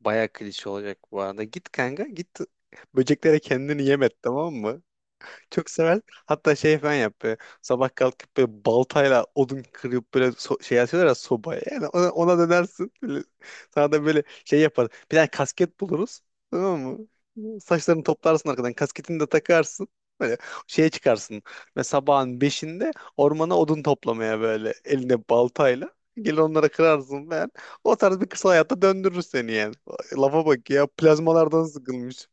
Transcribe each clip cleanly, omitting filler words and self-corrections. Baya klişe olacak bu arada. Git kanka git, böceklere kendini yem et, tamam mı? Çok sever. Hatta şey falan yap böyle. Sabah kalkıp böyle baltayla odun kırıp böyle şey atıyorlar ya sobaya. Yani ona dönersin. Böyle. Sana da böyle şey yapar. Bir tane kasket buluruz. Tamam mı? Saçlarını toplarsın arkadan. Kasketini de takarsın. Böyle şeye çıkarsın. Ve sabahın beşinde ormana odun toplamaya böyle elinde baltayla. Gelir onlara kırarsın falan. O tarz bir kısa hayatta döndürür seni yani. Lafa bak ya, plazmalardan sıkılmış.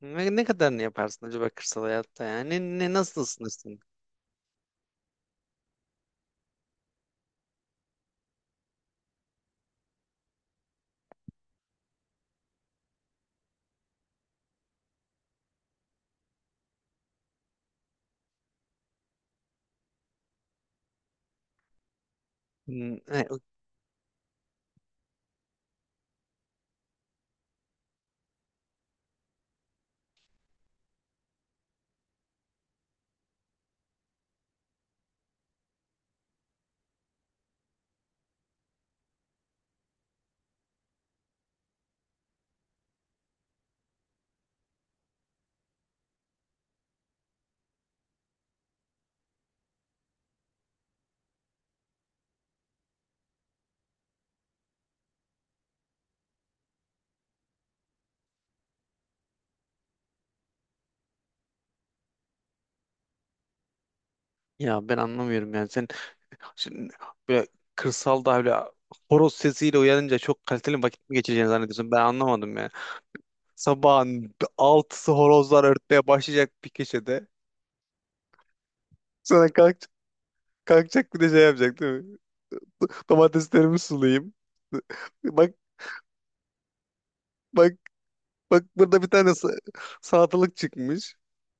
Ne kadarını yaparsın acaba kırsal hayatta yani? Nasıl ısınırsın? Hmm, e, Ya ben anlamıyorum yani, sen şimdi böyle kırsalda böyle horoz sesiyle uyanınca çok kaliteli vakit mi geçireceğini zannediyorsun? Ben anlamadım yani. Sabahın altısı horozlar örtmeye başlayacak bir köşede. Sonra kalk, kalkacak bir de şey yapacak değil mi? Domateslerimi sulayayım. Bak bak bak, burada bir tane salatalık çıkmış.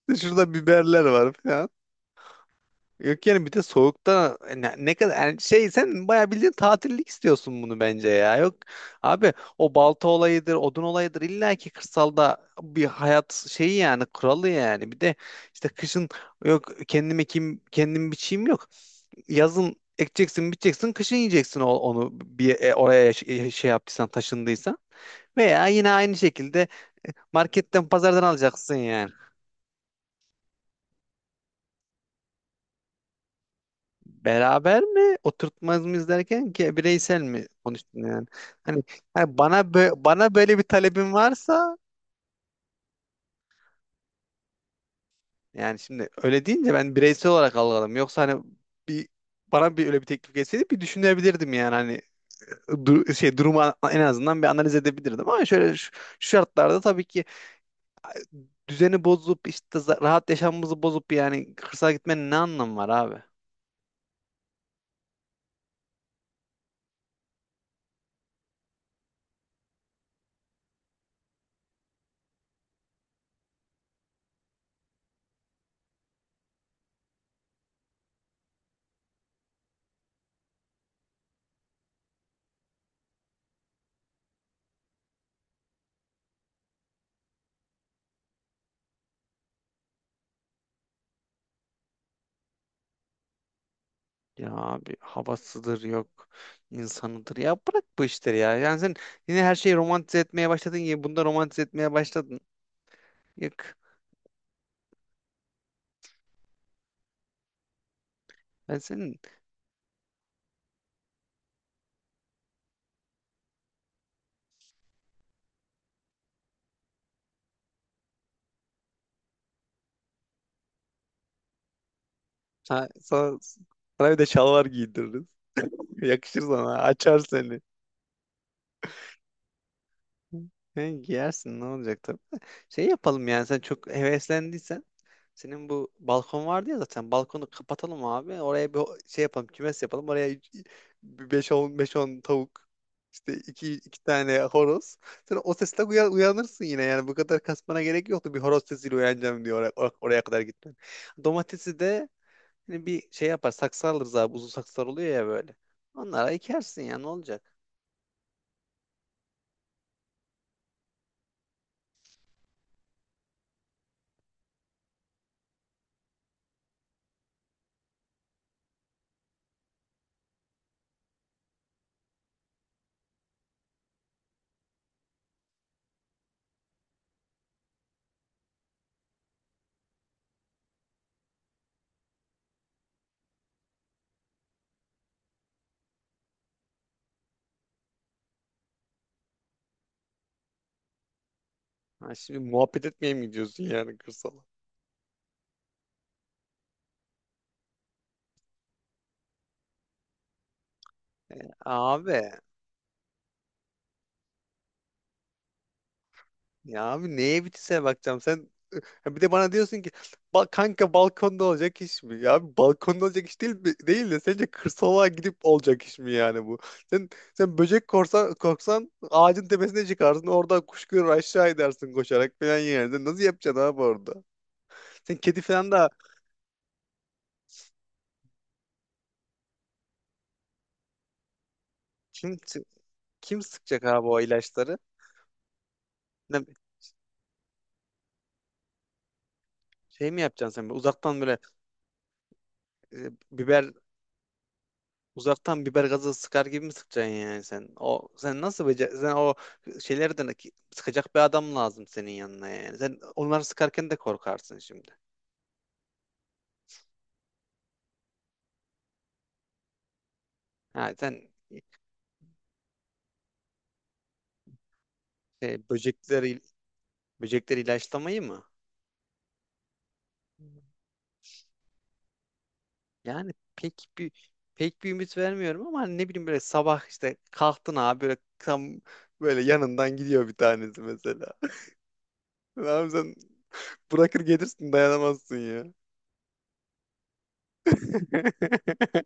İşte şurada biberler var falan. Yok yani, bir de soğukta ne kadar yani şey, sen bayağı bildiğin tatillik istiyorsun bunu bence ya. Yok abi, o balta olayıdır, odun olayıdır, illa ki kırsalda bir hayat şeyi yani kuralı yani. Bir de işte kışın yok kendim ekeyim, kendim biçeyim yok. Yazın ekeceksin, biçeceksin, kışın yiyeceksin onu bir oraya şey yaptıysan, taşındıysan. Veya yine aynı şekilde marketten, pazardan alacaksın yani. Beraber mi oturtmaz mı izlerken ki bireysel mi konuştun yani? Hani, hani, bana bana böyle bir talebin varsa yani şimdi öyle deyince ben bireysel olarak algıladım. Yoksa hani bir, bana bir öyle bir teklif gelseydi bir düşünebilirdim yani, hani şey durumu en azından bir analiz edebilirdim ama şöyle şu şartlarda tabii ki düzeni bozup işte rahat yaşamımızı bozup yani kırsala gitmenin ne anlamı var abi? Ya abi, havasıdır yok, insanıdır ya, bırak bu işleri ya. Yani sen yine her şeyi romantize etmeye başladın ya, bunda romantize etmeye başladın. Yok, ben senin ha, sana, sana bir de şalvar giydiririz. Yakışır sana, açar seni. Sen giyersin, ne olacak tabii. Şey yapalım yani, sen çok heveslendiysen. Senin bu balkon vardı ya zaten. Balkonu kapatalım abi. Oraya bir şey yapalım. Kümes yapalım. Oraya beş on, beş on tavuk. İşte iki tane horoz. Sen o sesle uyanırsın yine yani. Bu kadar kasmana gerek yoktu. Bir horoz sesiyle uyanacağım diyor oraya, oraya kadar gitmen. Domatesi de hani bir şey yapar. Saksı alırız abi. Uzun saksılar oluyor ya böyle. Onlara ekersin ya, ne olacak? Ha, şimdi muhabbet etmeye mi gidiyorsun yani kırsala? E, abi ya abi, neye bitişe bakacağım? Sen Ha Bir de bana diyorsun ki, Kanka, balkonda olacak iş mi?" Ya abi, balkonda olacak iş değil de sence kırsala gidip olacak iş mi yani bu? Sen korksan, ağacın tepesine çıkarsın, oradan kuş görür aşağı edersin koşarak falan yani. Sen nasıl yapacaksın abi orada? Sen kedi falan da kim kim sıkacak abi o ilaçları? Ne- Şey mi yapacaksın sen böyle uzaktan böyle biber, uzaktan biber gazı sıkar gibi mi sıkacaksın yani sen? O sen nasıl becer sen, o şeylerden sıkacak bir adam lazım senin yanına yani. Sen onları sıkarken de korkarsın şimdi. Ha sen böcekleri, böcekleri ilaçlamayı mı? Yani pek bir ümit vermiyorum ama hani ne bileyim böyle sabah işte kalktın abi, böyle tam böyle yanından gidiyor bir tanesi mesela. Abi sen bırakır gelirsin, dayanamazsın ya.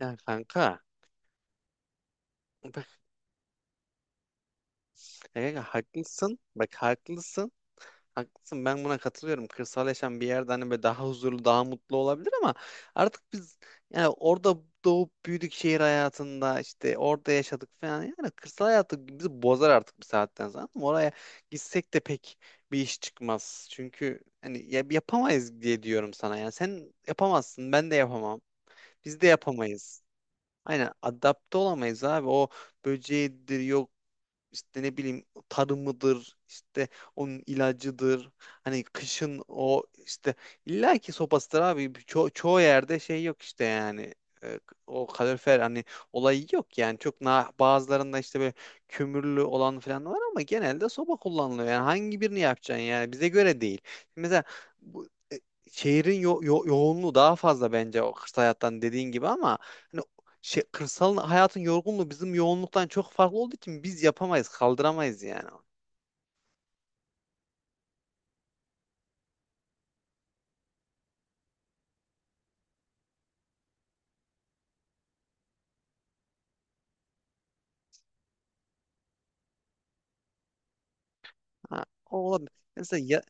Ya kanka, haklısın. Bak haklısın. Haklısın. Ben buna katılıyorum. Kırsal yaşam bir yerde hani böyle daha huzurlu, daha mutlu olabilir ama artık biz yani orada doğup büyüdük, şehir hayatında işte orada yaşadık falan. Yani kırsal hayatı bizi bozar artık bir saatten sonra. Ama oraya gitsek de pek bir iş çıkmaz. Çünkü hani yapamayız diye diyorum sana. Yani sen yapamazsın, ben de yapamam. Biz de yapamayız. Aynen adapte olamayız abi. O böceğidir, yok işte ne bileyim tarımıdır, işte onun ilacıdır, hani kışın o işte illaki sopasıdır abi. Çoğu yerde şey yok işte yani. E, O kalorifer hani olayı yok yani, çok na bazılarında işte böyle kömürlü olan falan var ama genelde soba kullanılıyor yani, hangi birini yapacaksın yani bize göre değil mesela bu. e, Şehrin yoğunluğu daha fazla bence o kırsal hayattan, dediğin gibi ama hani şey, kırsal hayatın yorgunluğu bizim yoğunluktan çok farklı olduğu için biz yapamayız, kaldıramayız yani. Ha, o olabilir. Mesela ya-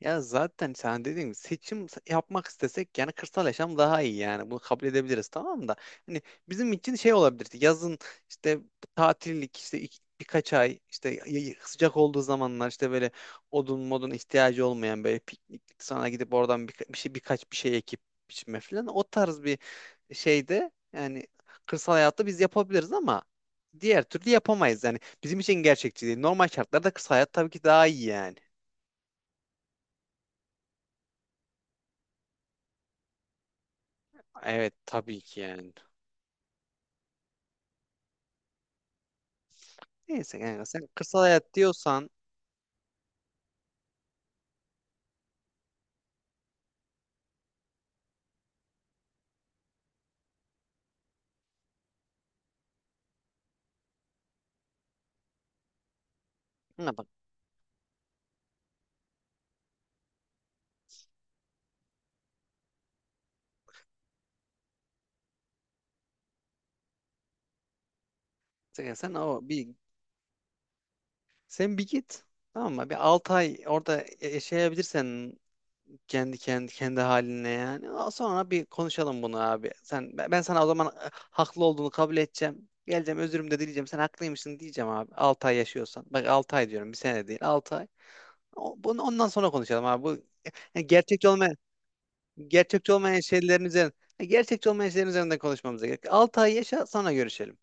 Ya zaten sen dediğin gibi, seçim yapmak istesek yani kırsal yaşam daha iyi, yani bunu kabul edebiliriz tamam da hani bizim için şey olabilirdi yazın, işte tatillik, işte birkaç ay işte sıcak olduğu zamanlar işte böyle odun modun ihtiyacı olmayan böyle pikniklik, sonra gidip oradan birkaç bir şey ekip biçme falan, o tarz bir şeyde yani kırsal hayatta biz yapabiliriz ama diğer türlü yapamayız yani, bizim için gerçekçi değil. Normal şartlarda kırsal hayat tabii ki daha iyi yani. Evet tabii ki yani. Neyse kanka, sen kırsal hayat diyorsan ne bak sen, sen o bir sen bir git, tamam mı? Bir 6 ay orada yaşayabilirsen kendi haline yani. Sonra bir konuşalım bunu abi. Sen ben ben sana o zaman haklı olduğunu kabul edeceğim. Geleceğim, özürümü de dileyeceğim. Sen haklıymışsın diyeceğim abi. 6 ay yaşıyorsan. Bak 6 ay diyorum. Bir sene değil. 6 ay. Bunu ondan sonra konuşalım abi. Bu yani gerçekçi olmayan, gerçekçi olmayan şeylerin üzerine, gerçekçi olmayan şeylerin üzerinden konuşmamıza gerek. 6 ay yaşa sonra görüşelim.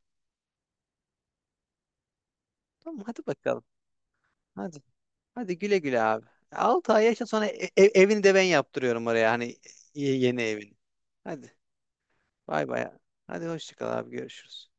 Tamam hadi bakalım. Hadi. Hadi güle güle abi. 6 ay yaşa sonra evini de ben yaptırıyorum oraya, hani yeni evini. Hadi bay bay. Hadi hoşça kal abi, görüşürüz.